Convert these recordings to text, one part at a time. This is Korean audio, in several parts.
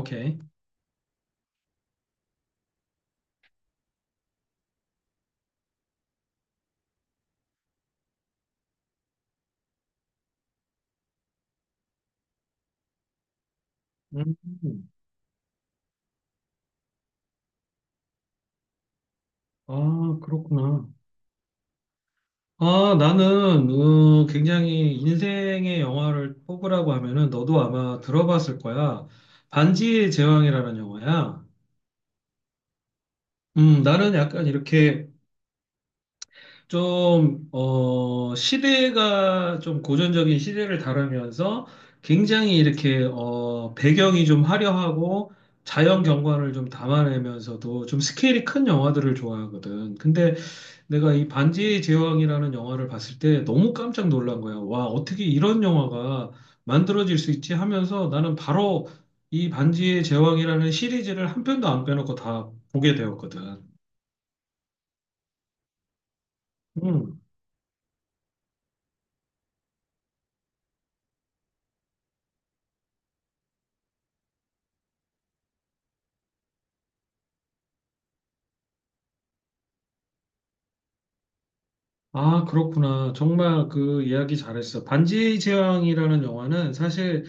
오케이. 음. 아, 그렇구나. 아, 나는 굉장히 인생의 영화를 뽑으라고 하면은 너도 아마 들어봤을 거야. 반지의 제왕이라는 영화야. 나는 약간 이렇게 좀, 시대가 좀 고전적인 시대를 다루면서 굉장히 이렇게, 배경이 좀 화려하고 자연 경관을 좀 담아내면서도 좀 스케일이 큰 영화들을 좋아하거든. 근데 내가 이 반지의 제왕이라는 영화를 봤을 때 너무 깜짝 놀란 거야. 와, 어떻게 이런 영화가 만들어질 수 있지 하면서 나는 바로 이 반지의 제왕이라는 시리즈를 한 편도 안 빼놓고 다 보게 되었거든. 음. 아, 그렇구나. 정말 그 이야기 잘했어. 반지의 제왕이라는 영화는 사실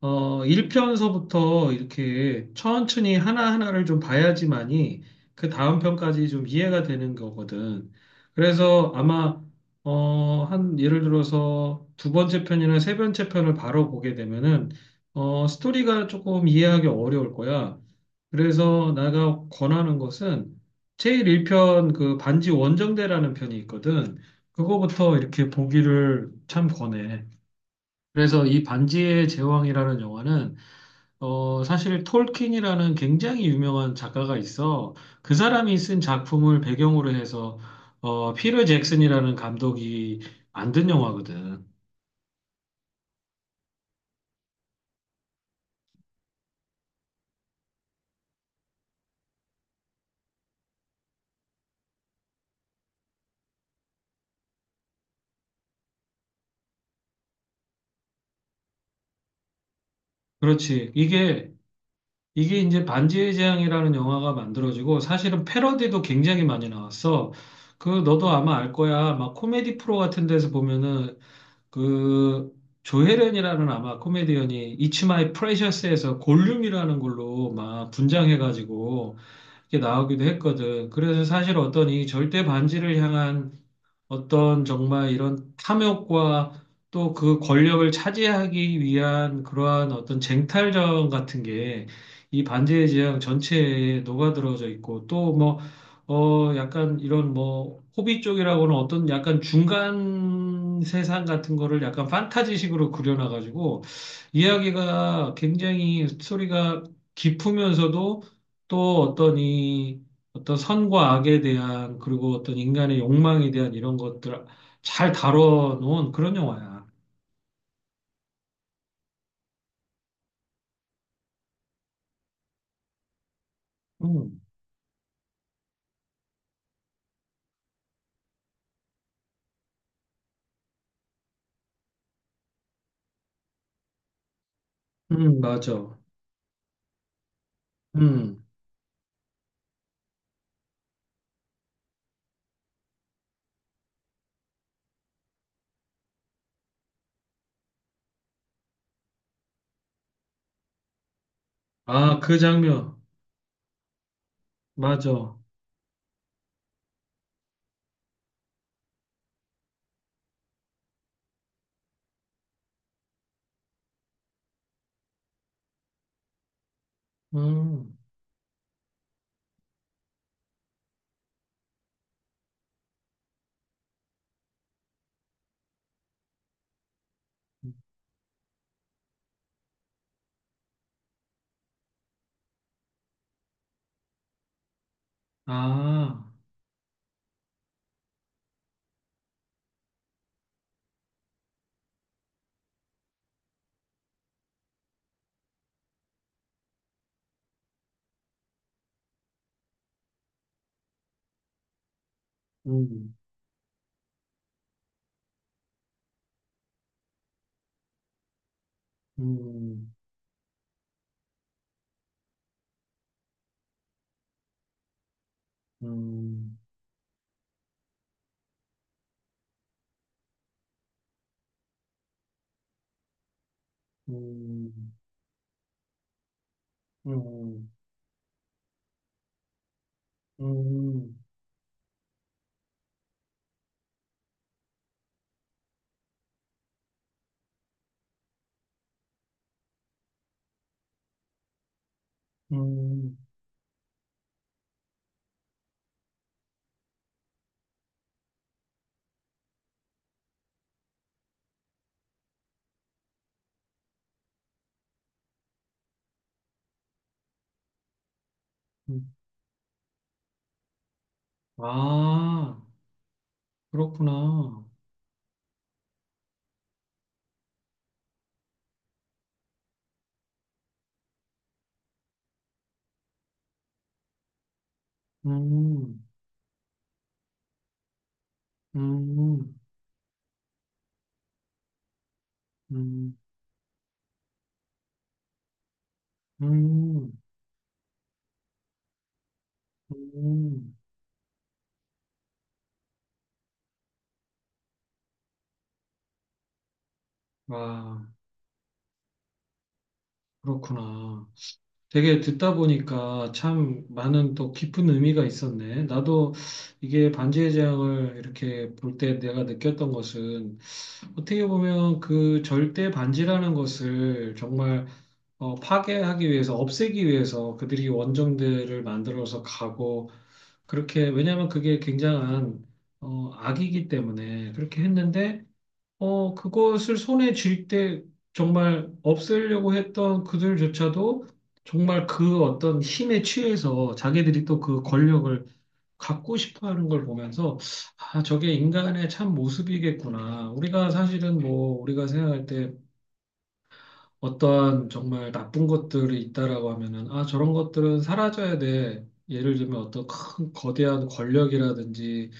1편서부터 이렇게 천천히 하나하나를 좀 봐야지만이 그 다음 편까지 좀 이해가 되는 거거든. 그래서 아마, 한, 예를 들어서 두 번째 편이나 세 번째 편을 바로 보게 되면은, 스토리가 조금 이해하기 어려울 거야. 그래서 내가 권하는 것은 제일 1편 그 반지 원정대라는 편이 있거든. 그거부터 이렇게 보기를 참 권해. 그래서 이 반지의 제왕이라는 영화는 사실 톨킨이라는 굉장히 유명한 작가가 있어. 그 사람이 쓴 작품을 배경으로 해서 피터 잭슨이라는 감독이 만든 영화거든. 그렇지. 이게 이제 반지의 제왕이라는 영화가 만들어지고 사실은 패러디도 굉장히 많이 나왔어. 그 너도 아마 알 거야. 막 코미디 프로 같은 데서 보면은 그 조혜련이라는 아마 코미디언이 It's My Precious에서 골룸이라는 걸로 막 분장해가지고 이렇게 나오기도 했거든. 그래서 사실 어떤 이 절대 반지를 향한 어떤 정말 이런 탐욕과 또 그 권력을 차지하기 위한 그러한 어떤 쟁탈전 같은 게 이 반지의 제왕 전체에 녹아들어져 있고 또 뭐, 약간 이런 뭐, 호비 쪽이라고는 어떤 약간 중간 세상 같은 거를 약간 판타지식으로 그려놔가지고 이야기가 굉장히 스토리가 깊으면서도 또 어떤 이 어떤 선과 악에 대한 그리고 어떤 인간의 욕망에 대한 이런 것들 잘 다뤄놓은 그런 영화야. 음, 맞아. 음, 아, 그 장면, 맞아. 음, 아, 음, 음, 음, 음, 음, 음, 음, 음. 아, 그렇구나. 음, 음, 음, 음, 음, 와, 그렇구나. 되게 듣다 보니까 참 많은 또 깊은 의미가 있었네. 나도 이게 반지의 제왕을 이렇게 볼 때 내가 느꼈던 것은 어떻게 보면 그 절대 반지라는 것을 정말 파괴하기 위해서, 없애기 위해서 그들이 원정대를 만들어서 가고 그렇게, 왜냐하면 그게 굉장한 악이기 때문에 그렇게 했는데 그것을 손에 쥘 때 정말 없애려고 했던 그들조차도 정말 그 어떤 힘에 취해서 자기들이 또 그 권력을 갖고 싶어 하는 걸 보면서 아, 저게 인간의 참 모습이겠구나. 우리가 사실은 뭐 우리가 생각할 때 어떤 정말 나쁜 것들이 있다라고 하면은 아, 저런 것들은 사라져야 돼. 예를 들면 어떤 큰 거대한 권력이라든지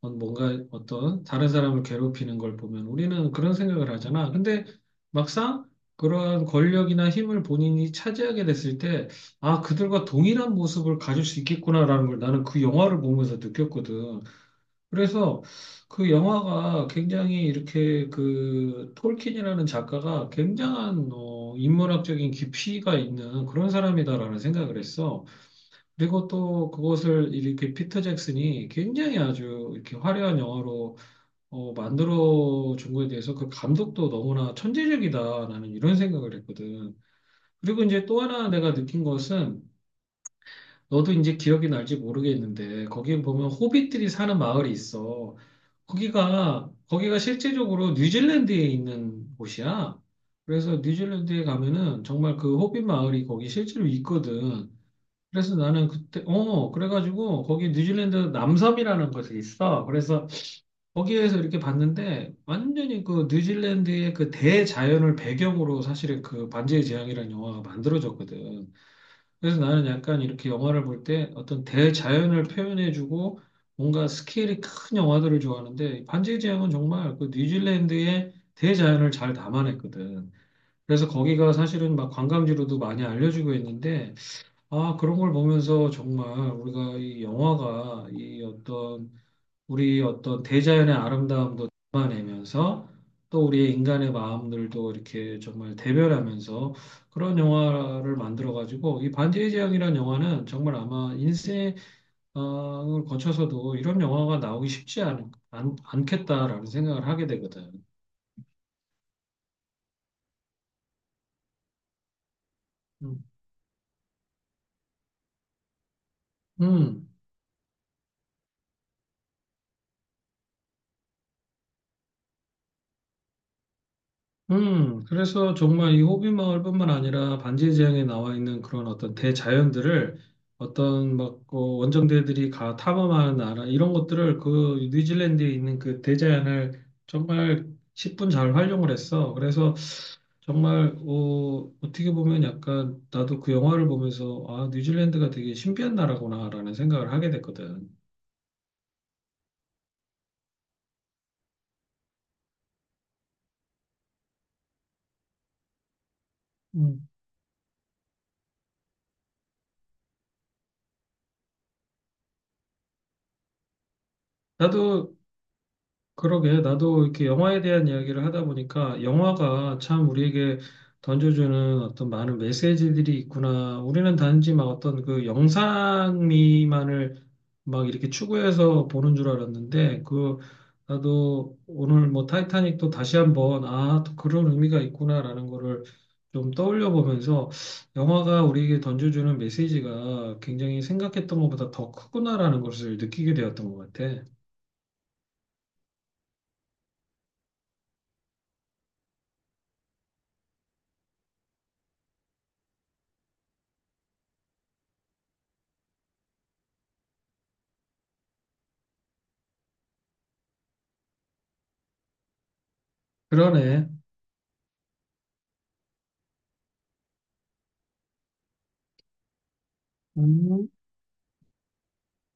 뭔가 어떤 다른 사람을 괴롭히는 걸 보면 우리는 그런 생각을 하잖아. 근데 막상 그러한 권력이나 힘을 본인이 차지하게 됐을 때, 아, 그들과 동일한 모습을 가질 수 있겠구나라는 걸 나는 그 영화를 보면서 느꼈거든. 그래서 그 영화가 굉장히 이렇게 그 톨킨이라는 작가가 굉장한 인문학적인 깊이가 있는 그런 사람이다라는 생각을 했어. 그리고 또 그것을 이렇게 피터 잭슨이 굉장히 아주 이렇게 화려한 영화로 만들어 준 거에 대해서 그 감독도 너무나 천재적이다. 나는 이런 생각을 했거든. 그리고 이제 또 하나 내가 느낀 것은 너도 이제 기억이 날지 모르겠는데 거기 보면 호빗들이 사는 마을이 있어. 거기가 실제적으로 뉴질랜드에 있는 곳이야. 그래서 뉴질랜드에 가면은 정말 그 호빗 마을이 거기 실제로 있거든. 그래서 나는 그때, 그래가지고 거기 뉴질랜드 남섬이라는 곳이 있어. 그래서 거기에서 이렇게 봤는데 완전히 그 뉴질랜드의 그 대자연을 배경으로 사실은 그 반지의 제왕이라는 영화가 만들어졌거든. 그래서 나는 약간 이렇게 영화를 볼 때 어떤 대자연을 표현해주고 뭔가 스케일이 큰 영화들을 좋아하는데 반지의 제왕은 정말 그 뉴질랜드의 대자연을 잘 담아냈거든. 그래서 거기가 사실은 막 관광지로도 많이 알려지고 있는데 아, 그런 걸 보면서 정말 우리가 이 영화가 이 어떤 우리 어떤 대자연의 아름다움도 담아내면서 또 우리의 인간의 마음들도 이렇게 정말 대별하면서 그런 영화를 만들어가지고 이 반지의 제왕이라는 영화는 정말 아마 인생을 거쳐서도 이런 영화가 나오기 쉽지 않겠다라는 생각을 하게 되거든. 음. 음. 그래서 정말 이 호빗마을뿐만 아니라 반지의 제왕에 나와 있는 그런 어떤 대자연들을 어떤 막 원정대들이 가 탐험하는 나라 이런 것들을 그 뉴질랜드에 있는 그 대자연을 정말 10분 잘 활용을 했어. 그래서 정말 어떻게 보면 약간 나도 그 영화를 보면서 아, 뉴질랜드가 되게 신비한 나라구나라는 생각을 하게 됐거든. 음. 나도 그러게, 나도 이렇게 영화에 대한 이야기를 하다 보니까 영화가 참 우리에게 던져주는 어떤 많은 메시지들이 있구나. 우리는 단지 막 어떤 그 영상미만을 막 이렇게 추구해서 보는 줄 알았는데, 그, 나도 오늘 뭐 타이타닉도 다시 한번, 아, 또 그런 의미가 있구나라는 거를 좀 떠올려 보면서 영화가 우리에게 던져주는 메시지가 굉장히 생각했던 것보다 더 크구나라는 것을 느끼게 되었던 것 같아. 그러네. 음.